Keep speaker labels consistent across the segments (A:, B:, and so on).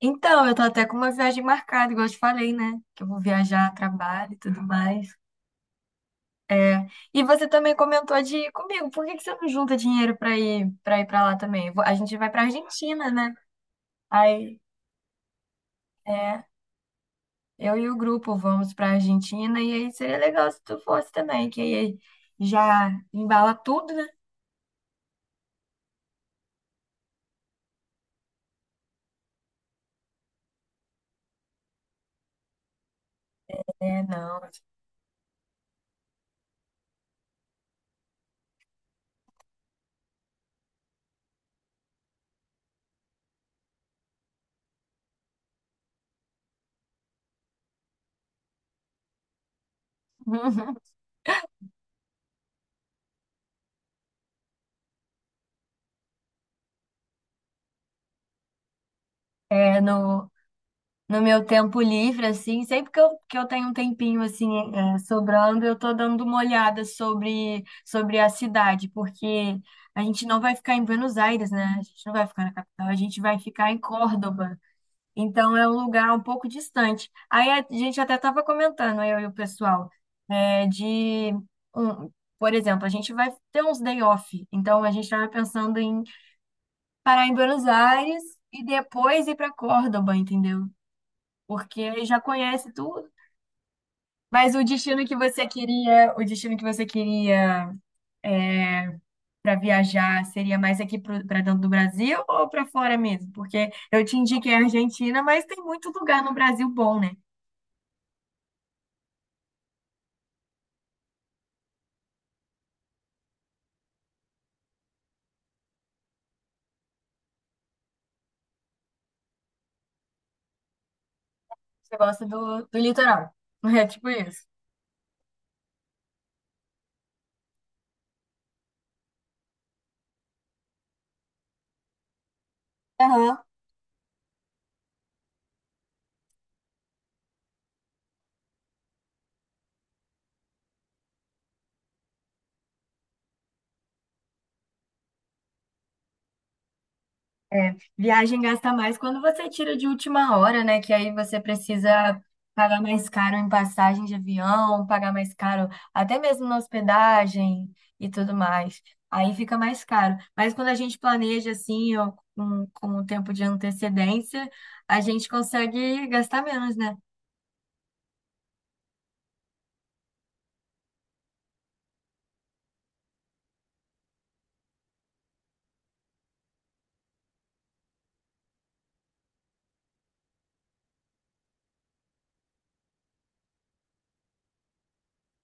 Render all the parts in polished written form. A: Então, eu tô até com uma viagem marcada, igual eu te falei, né? Que eu vou viajar a trabalho e tudo mais. E você também comentou de ir comigo. Por que que você não junta dinheiro pra ir para ir para lá também? A gente vai pra Argentina, né? Aí, é, eu e o grupo vamos pra Argentina e aí seria legal se tu fosse também, que aí já embala tudo, né? É, não. É, no meu tempo livre, assim, sempre que eu tenho um tempinho, assim, sobrando, eu tô dando uma olhada sobre a cidade, porque a gente não vai ficar em Buenos Aires, né? A gente não vai ficar na capital, a gente vai ficar em Córdoba. Então, é um lugar um pouco distante. Aí, a gente até tava comentando, eu e o pessoal, é, de... Um, por exemplo, a gente vai ter uns day off, então a gente estava pensando em parar em Buenos Aires e depois ir para Córdoba, entendeu? Porque aí já conhece tudo. Mas o destino que você queria, o destino que você queria para viajar seria mais aqui para dentro do Brasil ou para fora mesmo? Porque eu te indiquei a Argentina, mas tem muito lugar no Brasil bom, né? Você gosta do, do litoral. É tipo isso. Aham. É, viagem gasta mais quando você tira de última hora, né? Que aí você precisa pagar mais caro em passagem de avião, pagar mais caro até mesmo na hospedagem e tudo mais. Aí fica mais caro. Mas quando a gente planeja assim, ou com um tempo de antecedência, a gente consegue gastar menos, né?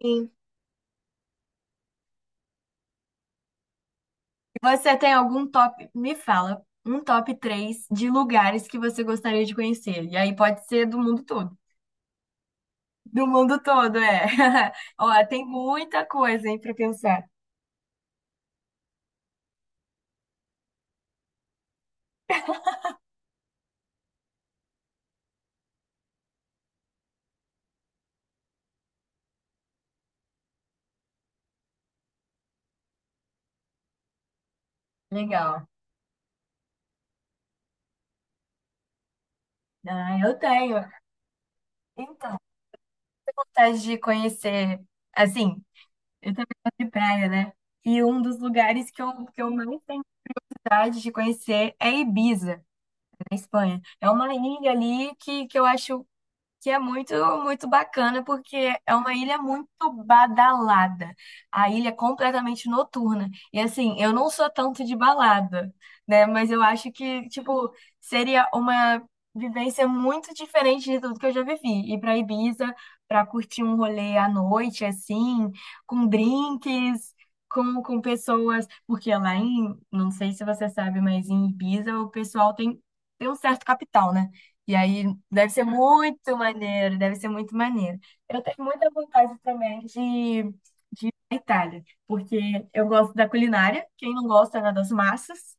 A: Sim. Você tem algum top? Me fala, um top 3 de lugares que você gostaria de conhecer. E aí pode ser do mundo todo. Do mundo todo, é. Ó, tem muita coisa, hein, para pensar. Legal. Ah, eu tenho. Então, vontade de conhecer. Assim, eu também gosto de praia, né? E um dos lugares que que eu mais tenho vontade de conhecer é Ibiza, na Espanha. É uma ilha ali que eu acho que é muito, muito bacana, porque é uma ilha muito badalada. A ilha é completamente noturna. E assim, eu não sou tanto de balada, né? Mas eu acho que, tipo, seria uma vivência muito diferente de tudo que eu já vivi. Ir pra Ibiza pra curtir um rolê à noite, assim, com drinks. Com pessoas, porque lá em, não sei se você sabe, mas em Ibiza o pessoal tem um certo capital, né? E aí deve ser muito maneiro, deve ser muito maneiro. Eu tenho muita vontade também de ir à Itália, porque eu gosto da culinária, quem não gosta, né, das massas.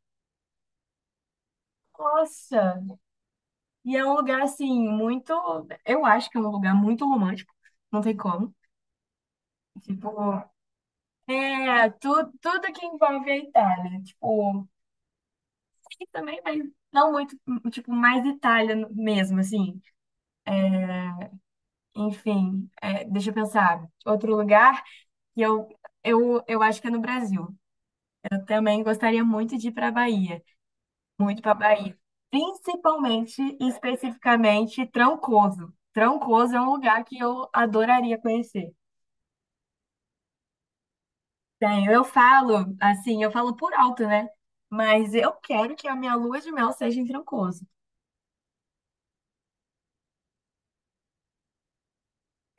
A: Nossa! E é um lugar assim muito, eu acho que é um lugar muito romântico, não tem como. Tipo, é, tu, tudo que envolve a Itália, tipo, e também, mas não muito, tipo, mais Itália mesmo, assim. Enfim, deixa eu pensar. Outro lugar. E eu acho que é no Brasil. Eu também gostaria muito de ir para a Bahia, muito para a Bahia. Principalmente, e especificamente, Trancoso. Trancoso é um lugar que eu adoraria conhecer. Bem, eu falo, assim, eu falo por alto, né? Mas eu quero que a minha lua de mel seja em Trancoso.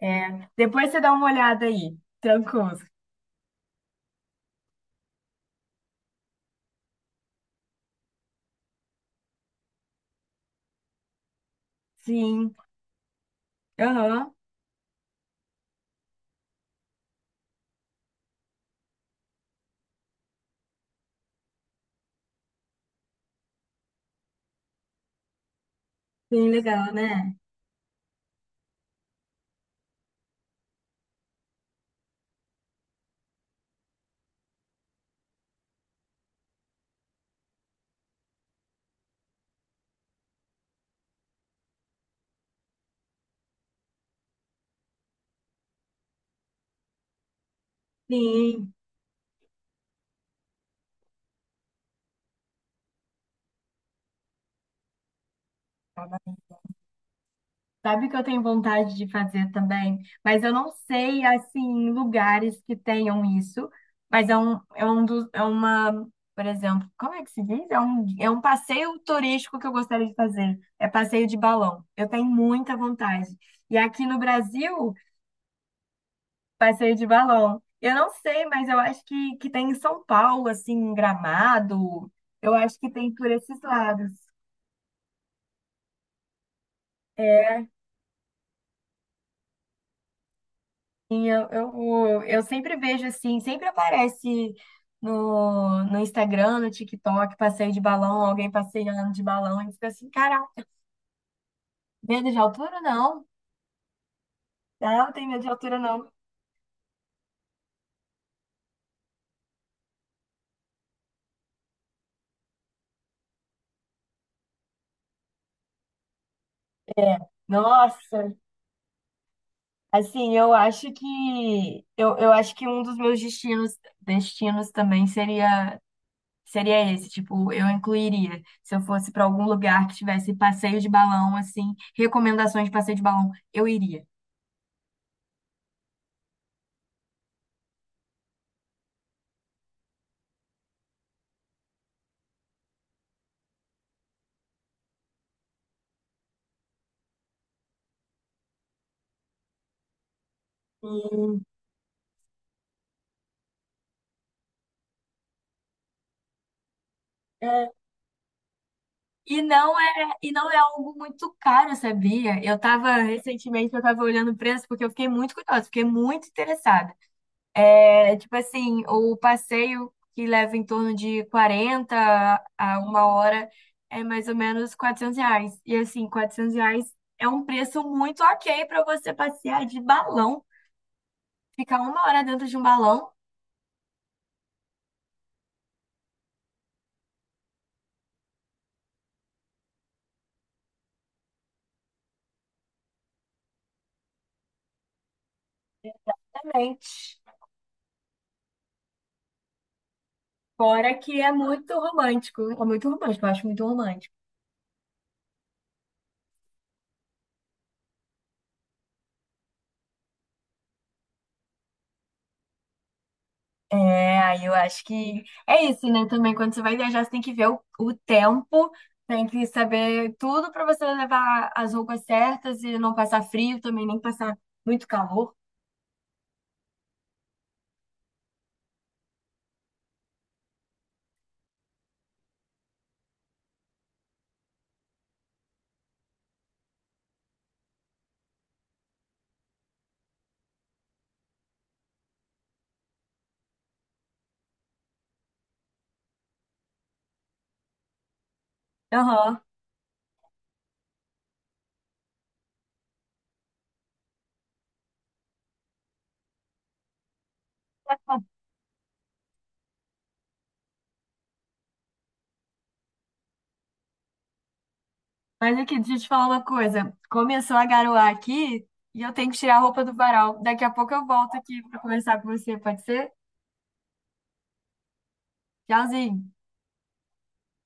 A: É, depois você dá uma olhada aí. Trancoso. Sim. Aham. Sim, legal, né? Sim. Sabe o que eu tenho vontade de fazer também? Mas eu não sei, assim, lugares que tenham isso. Mas por exemplo, como é que se diz? É um passeio turístico que eu gostaria de fazer. É passeio de balão. Eu tenho muita vontade. E aqui no Brasil, passeio de balão. Eu não sei, mas eu acho que tem em São Paulo, assim, em Gramado. Eu acho que tem por esses lados. É, Sim, eu sempre vejo assim, sempre aparece no Instagram, no TikTok, passeio de balão, alguém passeando de balão, e fica assim, caraca, medo de altura? Não. Ah, não, tem medo de altura, não. Nossa, assim, eu acho que um dos meus destinos também seria esse, tipo, eu incluiria, se eu fosse para algum lugar que tivesse passeio de balão, assim, recomendações de passeio de balão, eu iria. E, é, e não é algo muito caro, sabia? Eu tava, recentemente, eu tava olhando o preço porque eu fiquei muito curiosa, fiquei muito interessada. É, tipo assim, o passeio que leva em torno de 40 a uma hora é mais ou menos R$ 400. E assim, R$ 400 é um preço muito ok para você passear de balão, ficar uma hora dentro de um balão, realmente. Fora que é muito romântico, eu acho muito romântico. É, aí eu acho que é isso, né? Também quando você vai viajar, você tem que ver o tempo, tem que saber tudo para você levar as roupas certas e não passar frio também, nem passar muito calor. Aham. Mas aqui, deixa eu te falar uma coisa. Começou a garoar aqui e eu tenho que tirar a roupa do varal. Daqui a pouco eu volto aqui para conversar com você, pode ser? Tchauzinho.